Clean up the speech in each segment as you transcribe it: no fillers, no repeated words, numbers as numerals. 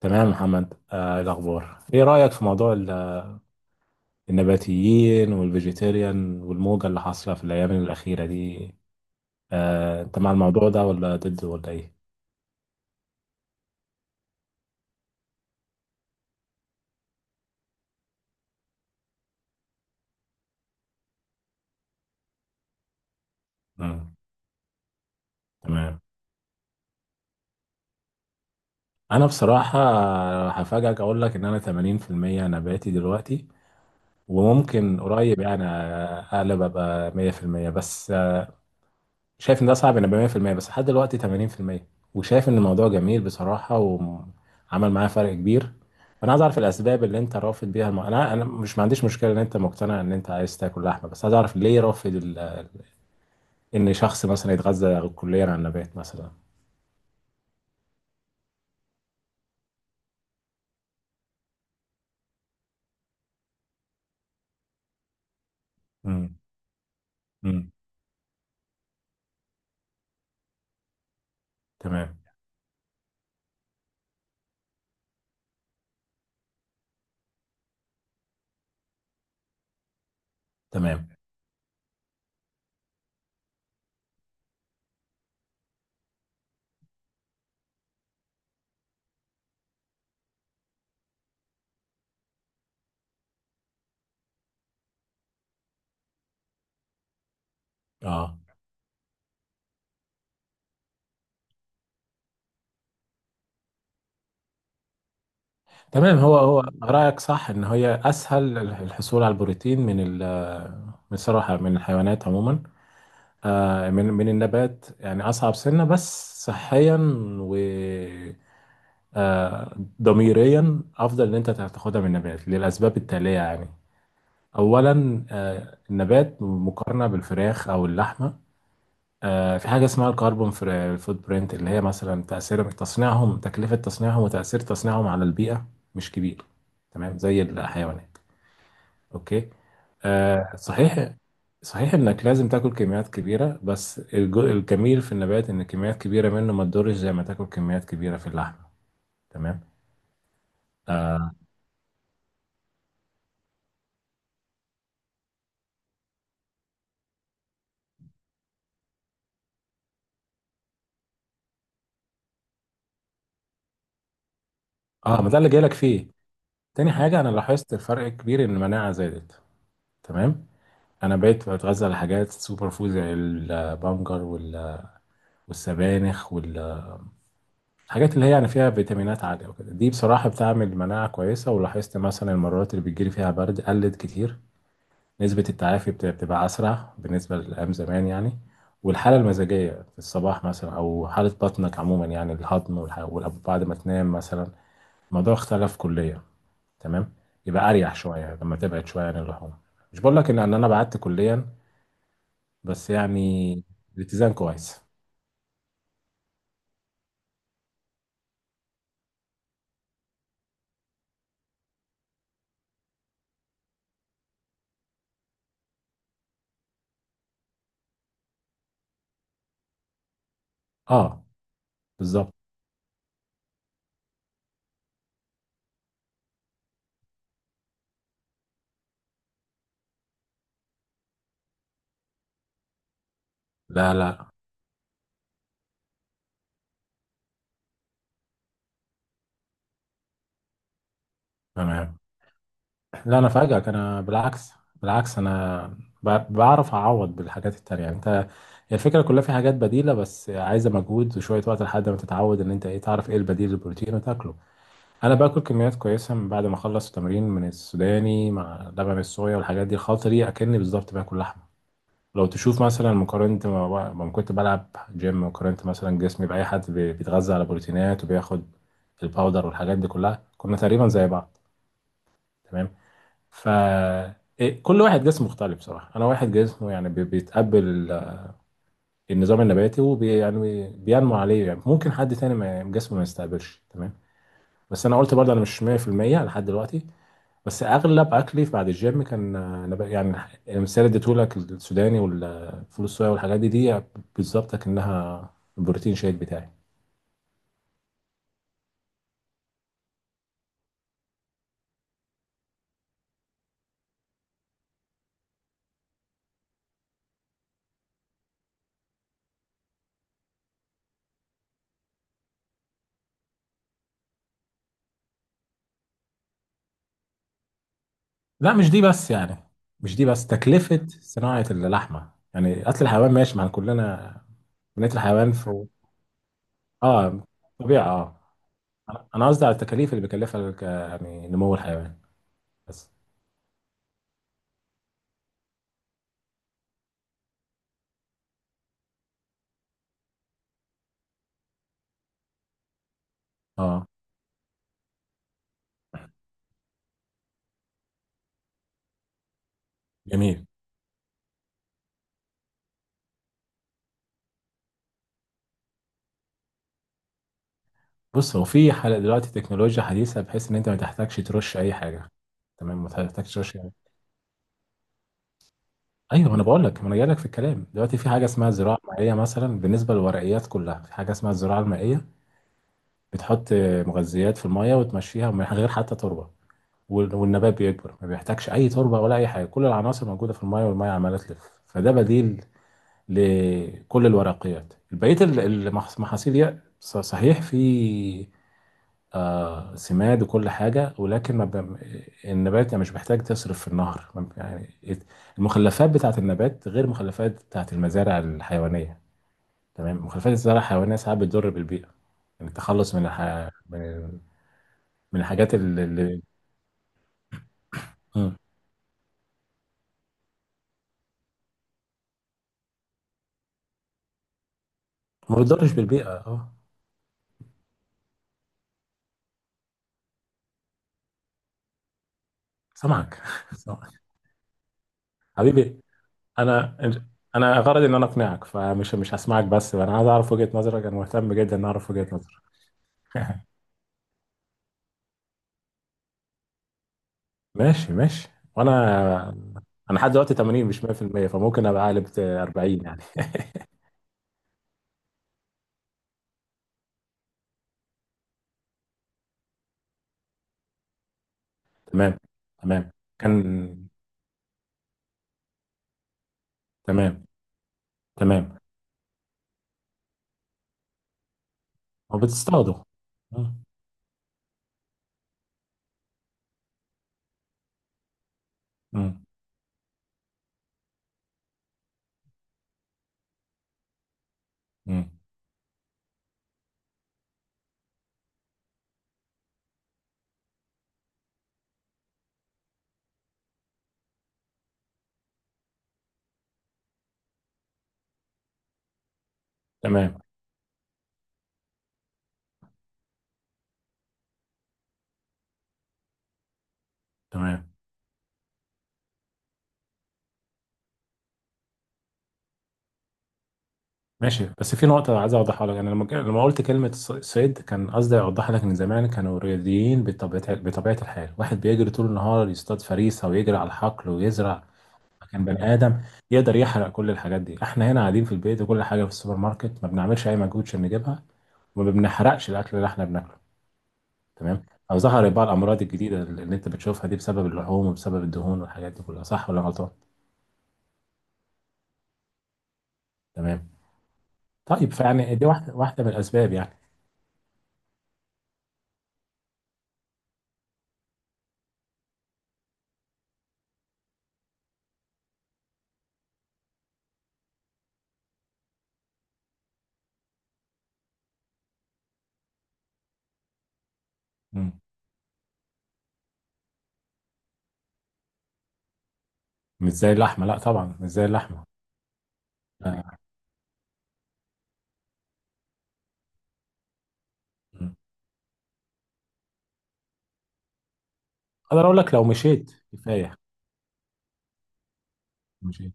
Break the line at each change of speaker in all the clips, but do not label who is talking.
تمام يا محمد، إيه الأخبار؟ إيه رأيك في موضوع النباتيين والفيجيتيريان والموجة اللي حاصلة في الأيام الأخيرة دي؟ أنت مع الموضوع ده ولا ضده ولا إيه؟ مم. تمام. أنا بصراحة، هفاجئك أقول لك إن أنا 80% نباتي دلوقتي، وممكن قريب يعني، أقلب أبقى 100%. بس شايف ان ده صعب، انا 100%، بس لحد دلوقتي 80%. وشايف ان الموضوع جميل بصراحة وعمل معايا فرق كبير. فانا عايز اعرف الاسباب اللي انت رافض بيها الم... انا مش ما عنديش مشكلة ان انت مقتنع ان انت عايز تاكل لحمة، بس عايز اعرف ليه رافض ال... ان شخص مثلا يتغذى كليا على النبات مثلا. امم. امم. تمام. تمام. اه. تمام. هو هو رأيك صح ان هي اسهل الحصول على البروتين من ال... بصراحة من الحيوانات عموما. من النبات يعني أصعب سنة، بس صحيا و آه، ضميريا أفضل إن أنت تاخدها من النبات للأسباب التالية يعني. أولا النبات مقارنة بالفراخ أو اللحمة، في حاجة اسمها الكربون فوت برينت، اللي هي مثلا تأثير تصنيعهم، تكلفة تصنيعهم وتأثير تصنيعهم على البيئة مش كبير تمام زي الحيوانات. اوكي. صحيح. صحيح انك لازم تاكل كميات كبيره، بس الجميل في النبات ان كميات كبيره منه ما تضرش زي ما تاكل كميات كبيره في اللحم. تمام. اه، ما ده اللي جايلك فيه. تاني حاجه انا لاحظت فرق كبير ان المناعه زادت. تمام. انا بقيت بتغذى على حاجات سوبر فود زي البنجر والسبانخ، والحاجات اللي هي يعني فيها فيتامينات عاليه، وكده دي بصراحه بتعمل مناعه كويسه. ولاحظت مثلا المرات اللي بتجيلي فيها برد قلت كتير، نسبة التعافي بتبقى أسرع بالنسبة لأيام زمان يعني. والحالة المزاجية في الصباح مثلا، أو حالة بطنك عموما، يعني الهضم والأب بعد ما تنام مثلا، الموضوع اختلف كليا. تمام. يبقى أريح شوية لما تبعد شوية عن اللحوم. مش بقول لك إن أنا بعدت كليا، بس يعني الاتزان كويس. أه. بالظبط. لا، لا. تمام. لا انا فاجئك، انا بالعكس. بالعكس، انا بعرف اعوض بالحاجات التانية. يعني انت هي الفكره كلها في حاجات بديله، بس عايزه مجهود وشويه وقت لحد ما تتعود ان انت ايه تعرف ايه البديل للبروتين وتاكله. انا باكل كميات كويسه من بعد ما اخلص تمرين من السوداني مع لبن الصويا، والحاجات دي الخلطه دي اكني بالظبط باكل لحمه. لو تشوف مثلا مقارنه ما كنت بلعب جيم وقارنت مثلا جسمي باي حد بيتغذى على بروتينات وبياخد الباودر والحاجات دي كلها، كنا تقريبا زي بعض. تمام. ف كل واحد جسمه مختلف بصراحة. أنا واحد جسمه يعني بيتقبل ال- النظام النباتي، يعني بينمو عليه. يعني ممكن حد تاني ما يعني جسمه ما يستقبلش تمام. بس أنا قلت برضه أنا مش 100% لحد دلوقتي. بس أغلب أكلي بعد الجيم كان نبات يعني. المثال اللي اديتهولك السوداني والفول الصويا والحاجات دي بالظبط كأنها البروتين شيك بتاعي. لا، مش دي بس يعني، مش دي بس تكلفة صناعة اللحمة. يعني قتل الحيوان ماشي، ما كلنا بنقتل الحيوان. اه، طبيعة. اه، أنا قصدي على التكاليف اللي بيكلفها يعني نمو الحيوان بس. اه، جميل. بص هو في حل دلوقتي، تكنولوجيا حديثة، بحيث ان انت ما تحتاجش ترش اي حاجة. تمام، ما تحتاجش ترش يعني. ايوه، ما انا بقول لك، ما انا جاي لك في الكلام دلوقتي. في حاجة اسمها زراعة مائية مثلا، بالنسبة للورقيات كلها في حاجة اسمها الزراعة المائية. بتحط مغذيات في المية وتمشيها من غير حتى تربة، والنبات بيكبر ما بيحتاجش اي تربة ولا اي حاجة، كل العناصر موجودة في المية والمية عمالة تلف. فده بديل لكل الورقيات. بقية المحاصيل دي صحيح في سماد وكل حاجة، ولكن ما النبات يعني مش محتاج تصرف في النهر، ما يعني المخلفات بتاعة النبات غير المخلفات بتاعة المزارع الحيوانية. تمام، مخلفات الزراعة الحيوانية ساعات بتضر بالبيئة، يعني التخلص من الح... من من الحاجات اللي مم. ما بتضرش بالبيئة، اه. سامعك سامعك. حبيبي، انا انا غرضي ان انا اقنعك، فمش مش هسمعك. بس انا عايز اعرف وجهة نظرك، انا مهتم جدا ان اعرف وجهة نظرك. ماشي، ماشي. وانا انا لحد دلوقتي 80 مش 100%، فممكن ابقى قلبت 40 يعني. تمام. تمام كان. تمام. تمام هو بتستخدم. مم. مم. مم. تمام. تمام. ماشي، بس في نقطة عايز أوضحها لك. أنا لما لما قلت كلمة صيد كان قصدي أوضح لك إن زمان كانوا رياضيين بطبيعة الحال. واحد بيجري طول النهار يصطاد فريسة ويجري على الحقل ويزرع، كان بني آدم يقدر يحرق كل الحاجات دي. إحنا هنا قاعدين في البيت، وكل حاجة في السوبر ماركت، ما بنعملش أي مجهود عشان نجيبها، وما بنحرقش الأكل اللي إحنا بناكله. تمام. أو ظهرت بقى الأمراض الجديدة اللي أنت بتشوفها دي بسبب اللحوم وبسبب الدهون والحاجات دي كلها، صح ولا غلطان؟ تمام. طيب فيعني دي واحدة من الأسباب. يعني مش زي اللحمه، لا طبعا مش زي اللحمه. آه. م. اقدر اقول لك لو مشيت كفايه. مشيت.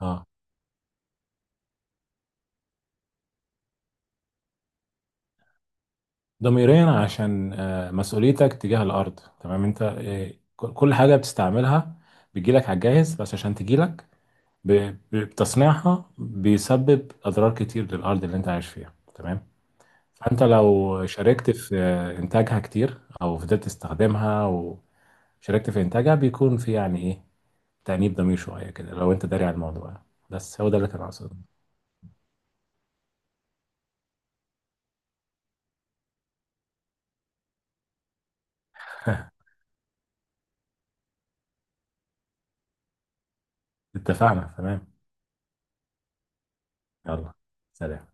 اه. ضميريا عشان مسؤوليتك تجاه الارض. تمام. انت كل حاجه بتستعملها بتجيلك على الجاهز، بس عشان تجيلك ب- بتصنيعها بيسبب اضرار كتير للارض اللي انت عايش فيها. تمام. فانت لو شاركت في انتاجها كتير او فضلت تستخدمها وشاركت في انتاجها، بيكون في يعني ايه، تأنيب ضمير شويه كده لو انت داري على الموضوع. بس هو ده اللي كان اقصده. اتفقنا. تمام. يلا، سلام.